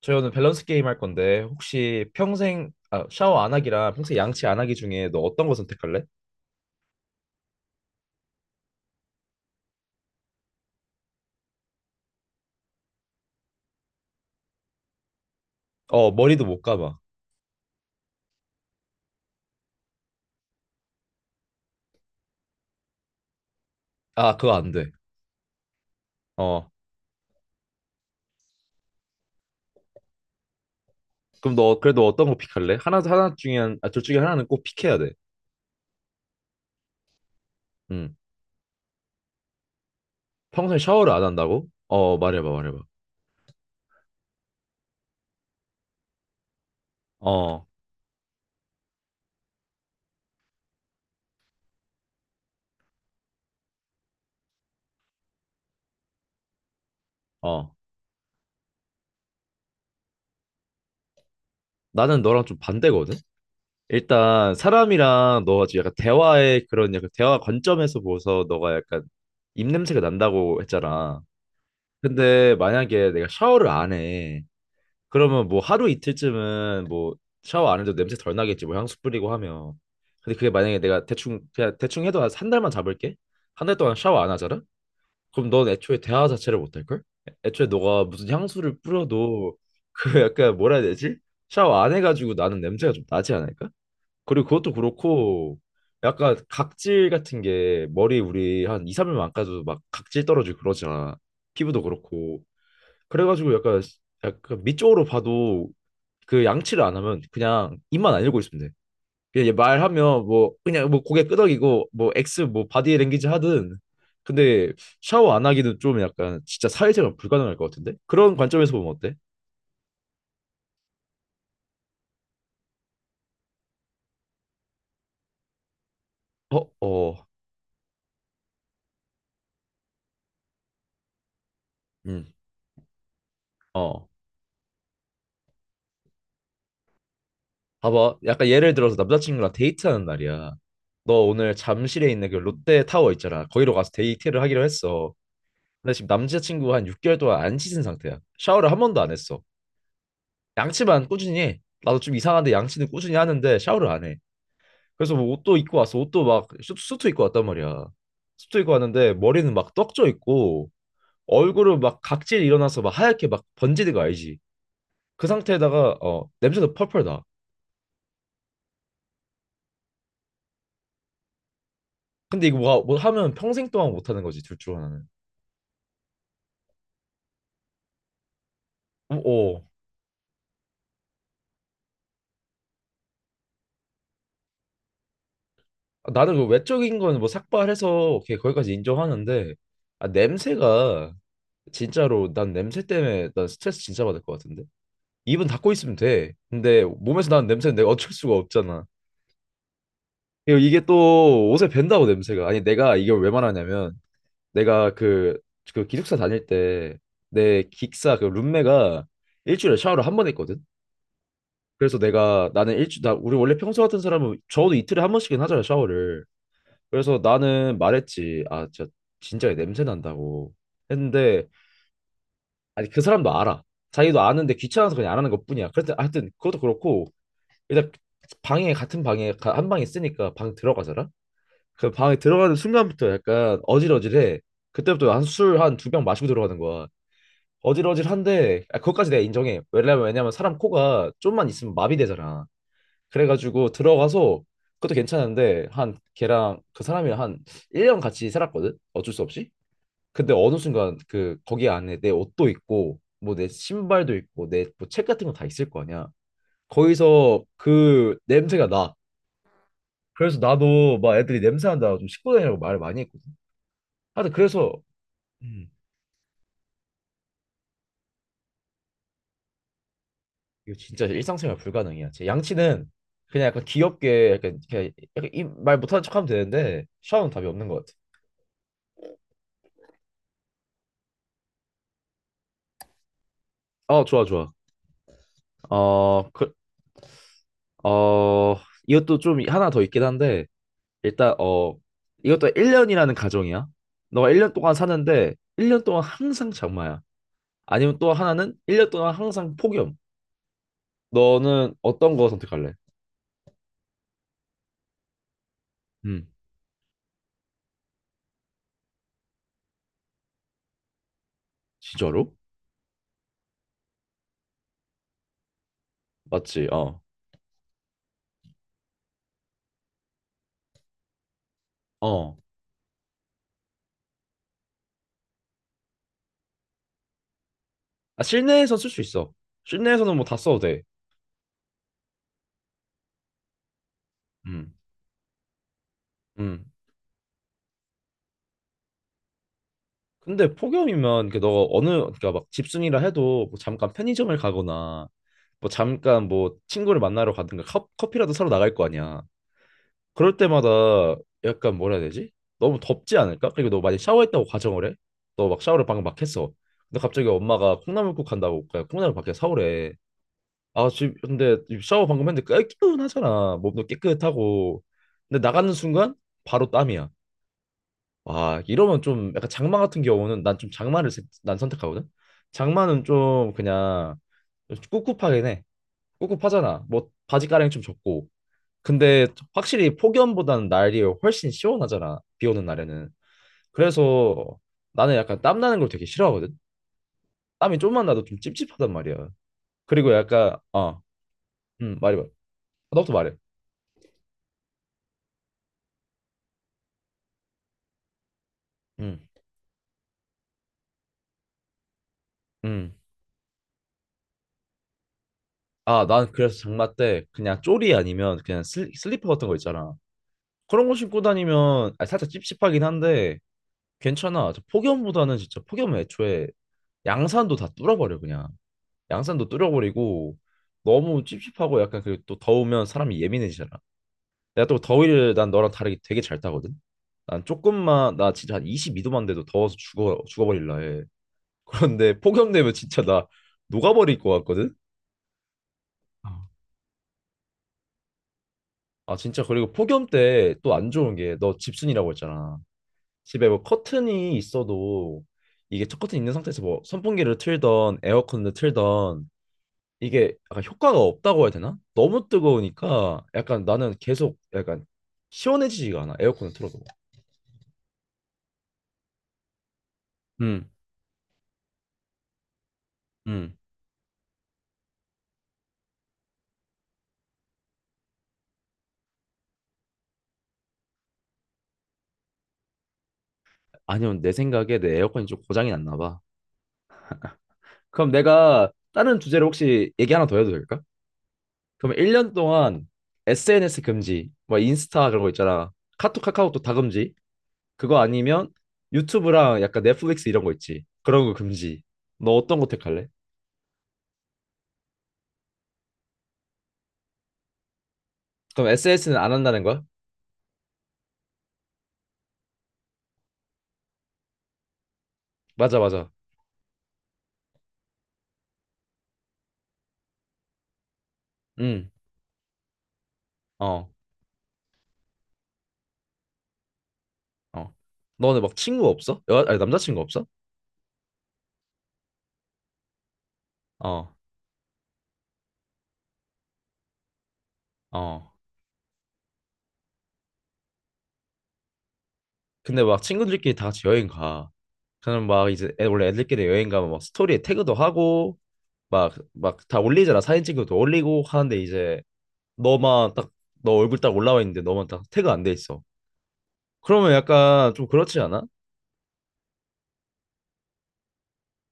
저희 오늘 밸런스 게임 할 건데 혹시 평생 샤워 안 하기랑 평생 양치 안 하기 중에 너 어떤 거 선택할래? 어, 머리도 못 감아. 아, 그거 안 돼. 어, 그럼 너 그래도 어떤 거 픽할래? 하나 하나 중에 한- 아, 둘 중에 하나는 꼭 픽해야 돼. 음 평생 샤워를 안 한다고? 어, 말해봐 말해봐. 어, 어. 나는 너랑 좀 반대거든. 일단 사람이랑 너 아주 약간 대화의 그런 약간 대화 관점에서 보고서 너가 약간 입냄새가 난다고 했잖아. 근데 만약에 내가 샤워를 안 해. 그러면 뭐 하루 이틀쯤은 뭐 샤워 안 해도 냄새 덜 나겠지. 뭐 향수 뿌리고 하면. 근데 그게 만약에 내가 대충 그냥 대충 해도 한한 달만 잡을게. 한 달 동안 샤워 안 하잖아. 그럼 넌 애초에 대화 자체를 못 할걸. 애초에 너가 무슨 향수를 뿌려도 그 약간 뭐라 해야 되지. 샤워 안 해가지고 나는 냄새가 좀 나지 않을까. 그리고 그것도 그렇고, 약간 각질 같은 게 머리 우리 한 2, 3일만 안 까도 막 각질 떨어지고 그러잖아. 피부도 그렇고. 그래가지고 약간 밑쪽으로 봐도, 그 양치를 안 하면 그냥 입만 안 열고 있으면 돼. 그냥 얘 말하면 뭐 그냥 뭐 고개 끄덕이고 뭐 X 뭐 바디 랭귀지 하든. 근데 샤워 안 하기는 좀 약간 진짜 사회생활 불가능할 것 같은데? 그런 관점에서 보면 어때? 어, 어, 음, 어. 봐봐. 약간 예를 들어서 남자친구랑 데이트하는 날이야. 너 오늘 잠실에 있는 그 롯데타워 있잖아. 거기로 가서 데이트를 하기로 했어. 근데 지금 남자친구가 한 6개월 동안 안 씻은 상태야. 샤워를 한 번도 안 했어. 양치만 꾸준히 해. 나도 좀 이상한데 양치는 꾸준히 하는데 샤워를 안 해. 그래서 뭐 옷도 입고 왔어. 옷도 막 수트 입고 왔단 말이야. 수트 입고 왔는데 머리는 막 떡져 있고 얼굴은 막 각질 일어나서 막 하얗게 막 번지는 거 알지? 그 상태에다가 냄새도 펄펄 나. 근데 이거 뭐 하면 평생 동안 못 하는 거지 둘 중 하나는. 어, 어. 나는 그 외적인 건 뭐 삭발해서 걔 거기까지 인정하는데, 아, 냄새가 진짜로 난 냄새 때문에 난 스트레스 진짜 받을 것 같은데. 입은 닫고 있으면 돼. 근데 몸에서 나는 냄새는 내가 어쩔 수가 없잖아. 그리고 이게 또 옷에 밴다고, 냄새가. 아니 내가 이걸 왜 말하냐면 내가 그 기숙사 다닐 때 내 기숙사 그 룸메가 일주일에 샤워를 한 번 했거든. 그래서 내가 나는 일주 나 우리 원래 평소 같은 사람은 적어도 이틀에 한 번씩은 하잖아, 샤워를. 그래서 나는 말했지. 아, 저 진짜 냄새 난다고 했는데, 아니 그 사람도 알아. 자기도 아는데 귀찮아서 그냥 안 하는 것뿐이야. 그래서 하여튼 그것도 그렇고, 일단 방에 같은 방에 가- 한 방에 쓰니까 방 들어가잖아. 그 방에 들어가는 순간부터 약간 어질어질해. 그때부터 한 술 한 두 병 마시고 들어가는 거야. 어질어질한데, 아, 그것까지 내가 인정해. 왜냐면 사람 코가 좀만 있으면 마비되잖아. 그래가지고 들어가서 그것도 괜찮은데 한 걔랑 그 사람이 한 1년 같이 살았거든, 어쩔 수 없이. 근데 어느 순간 그 거기 안에 내 옷도 있고 뭐 내 신발도 있고 내 뭐 책 같은 거 다 있을 거 아니야. 거기서 그 냄새가 나. 그래서 나도 막 애들이 냄새 난다고 좀 씻고 다니라고 말을 많이 했거든. 하여튼 그래서 음. 이거 진짜 일상생활 불가능이야. 제 양치는 그냥 약간 귀엽게 약간 그냥 약간 이 말 못하는 척하면 되는데 샤워는 답이 없는 것 같아. 어, 좋아, 좋아. 어, 그, 어, 이것도 좀 하나 더 있긴 한데, 일단, 이것도 1년이라는 가정이야. 너가 1년 동안 사는데, 1년 동안 항상 장마야. 아니면 또 하나는 1년 동안 항상 폭염. 너는 어떤 거 선택할래? 음, 진짜로? 맞지? 어. 어. 아, 실내에서 쓸 수 있어. 실내에서는 뭐 다 써도 돼. 음. 음. 근데 폭염이면 그너 어느 그러니까 막 집순이라 해도 뭐 잠깐 편의점을 가거나 뭐 잠깐 뭐 친구를 만나러 가든가 커피라도 사러 나갈 거 아니야. 그럴 때마다 약간 뭐라 해야 되지? 너무 덥지 않을까? 그리고 너 많이 샤워했다고 가정을 해. 너 막 샤워를 방금 막 했어. 근데 갑자기 엄마가 콩나물국 한다고 그러니까 콩나물 밖에 사오래. 아, 근데 샤워 방금 했는데 깨끗하잖아. 몸도 깨끗하고. 근데 나가는 순간 바로 땀이야. 와, 이러면 좀 약간 장마 같은 경우는 난 좀 난 선택하거든. 장마는 좀 그냥 꿉꿉하긴 해. 꿉꿉하잖아. 뭐 바지 가랑이 좀 젖고. 근데 확실히 폭염보다는 날이 훨씬 시원하잖아, 비 오는 날에는. 그래서 나는 약간 땀 나는 걸 되게 싫어하거든. 땀이 좀만 나도 좀 찝찝하단 말이야. 그리고 약간, 말해봐. 아, 너부터 말해. 음. 음. 아, 난 그래서 장마 때 그냥 쪼리 아니면 그냥 슬리퍼 같은 거 있잖아. 그런 거 신고 다니면, 살짝 찝찝하긴 한데 괜찮아. 저 폭염보다는 진짜, 폭염은 애초에 양산도 다 뚫어버려 그냥. 양산도 뚫어버리고 너무 찝찝하고 약간, 그리고 또 더우면 사람이 예민해지잖아. 내가 또 더위를 난 너랑 다르게 되게 잘 타거든. 난 조금만 나 진짜 한 22도만 돼도 더워서 죽어버릴라 해. 그런데 폭염 되면 진짜 나 녹아버릴 것 같거든. 아 진짜, 그리고 폭염 때 또 안 좋은 게 너 집순이라고 했잖아. 집에 뭐 커튼이 있어도 이게 첫 커튼 있는 상태에서 뭐 선풍기를 틀던 에어컨을 틀던 이게 약간 효과가 없다고 해야 되나? 너무 뜨거우니까 약간 나는 계속 약간 시원해지지가 않아, 에어컨을 틀어도. 음, 음. 아니면 내 생각에 내 에어컨이 좀 고장이 났나 봐. 그럼 내가 다른 주제로 혹시 얘기 하나 더 해도 될까? 그럼 1년 동안 SNS 금지, 뭐 인스타 그런 거 있잖아. 카톡, 카카오톡 다 금지. 그거 아니면 유튜브랑 약간 넷플릭스 이런 거 있지. 그런 거 금지. 너 어떤 거 택할래? 그럼 SNS는 안 한다는 거야? 맞아, 맞아. 응, 어, 어. 너는 막 친구 없어? 아니, 남자친구 없어? 어, 어. 근데 막 친구들끼리 다 같이 여행 가. 그럼 막 이제 원래 애들끼리 여행 가면 막 스토리에 태그도 하고 막 다 올리잖아. 사진 찍어도 올리고 하는데 이제 너만 딱 너 얼굴 딱 올라와 있는데 너만 딱 태그 안 돼 있어. 그러면 약간 좀 그렇지 않아?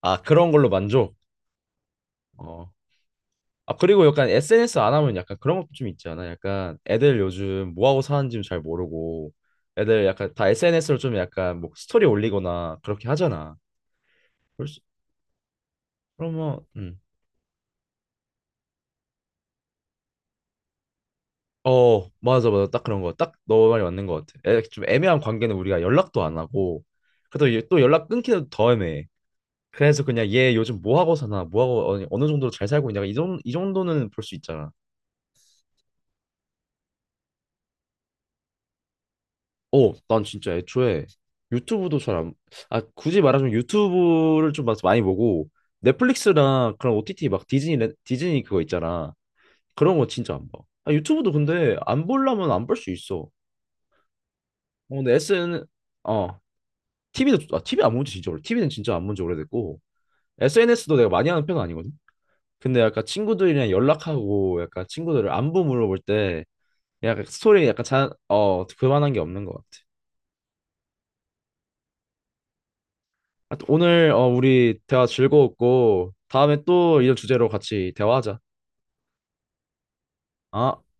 아, 그런 걸로 만족. 어. 아, 그리고 약간 SNS 안 하면 약간 그런 것도 좀 있지 않아? 약간 애들 요즘 뭐 하고 사는지 잘 모르고 애들 약간 다 SNS로 좀 약간 뭐 스토리 올리거나 그렇게 하잖아. 벌써- 그러면 어, 맞아 맞아 딱 그런 거. 딱 너 말이 맞는 것 같아. 좀 애매한 관계는 우리가 연락도 안 하고 그래도 얘또 연락 끊기도 더 애매해. 그래서 그냥 얘 요즘 뭐 하고 사나 뭐 하고 어느 정도로 잘 살고 있냐, 이 정도는 볼 수 있잖아. 어, 난 진짜 애초에 유튜브도 잘 안, 아, 굳이 말하자면 유튜브를 좀 막 많이 보고 넷플릭스랑 그런 OTT 막 디즈니, 디즈니 그거 있잖아. 그런 거 진짜 안 봐. 아, 유튜브도 근데 안 보려면 안 볼 수 있어. 어, 근데 SN, 어, TV도, TV 안 본지 진짜 오래, TV는 진짜 안 본지 오래됐고, SNS도 내가 많이 하는 편은 아니거든? 근데 약간 친구들이랑 연락하고 약간 친구들을 안부 물어볼 때 약간 스토리 약간 그만한 게 없는 것 같아. 하여튼 오늘 우리 대화 즐거웠고 다음에 또 이런 주제로 같이 대화하자. 아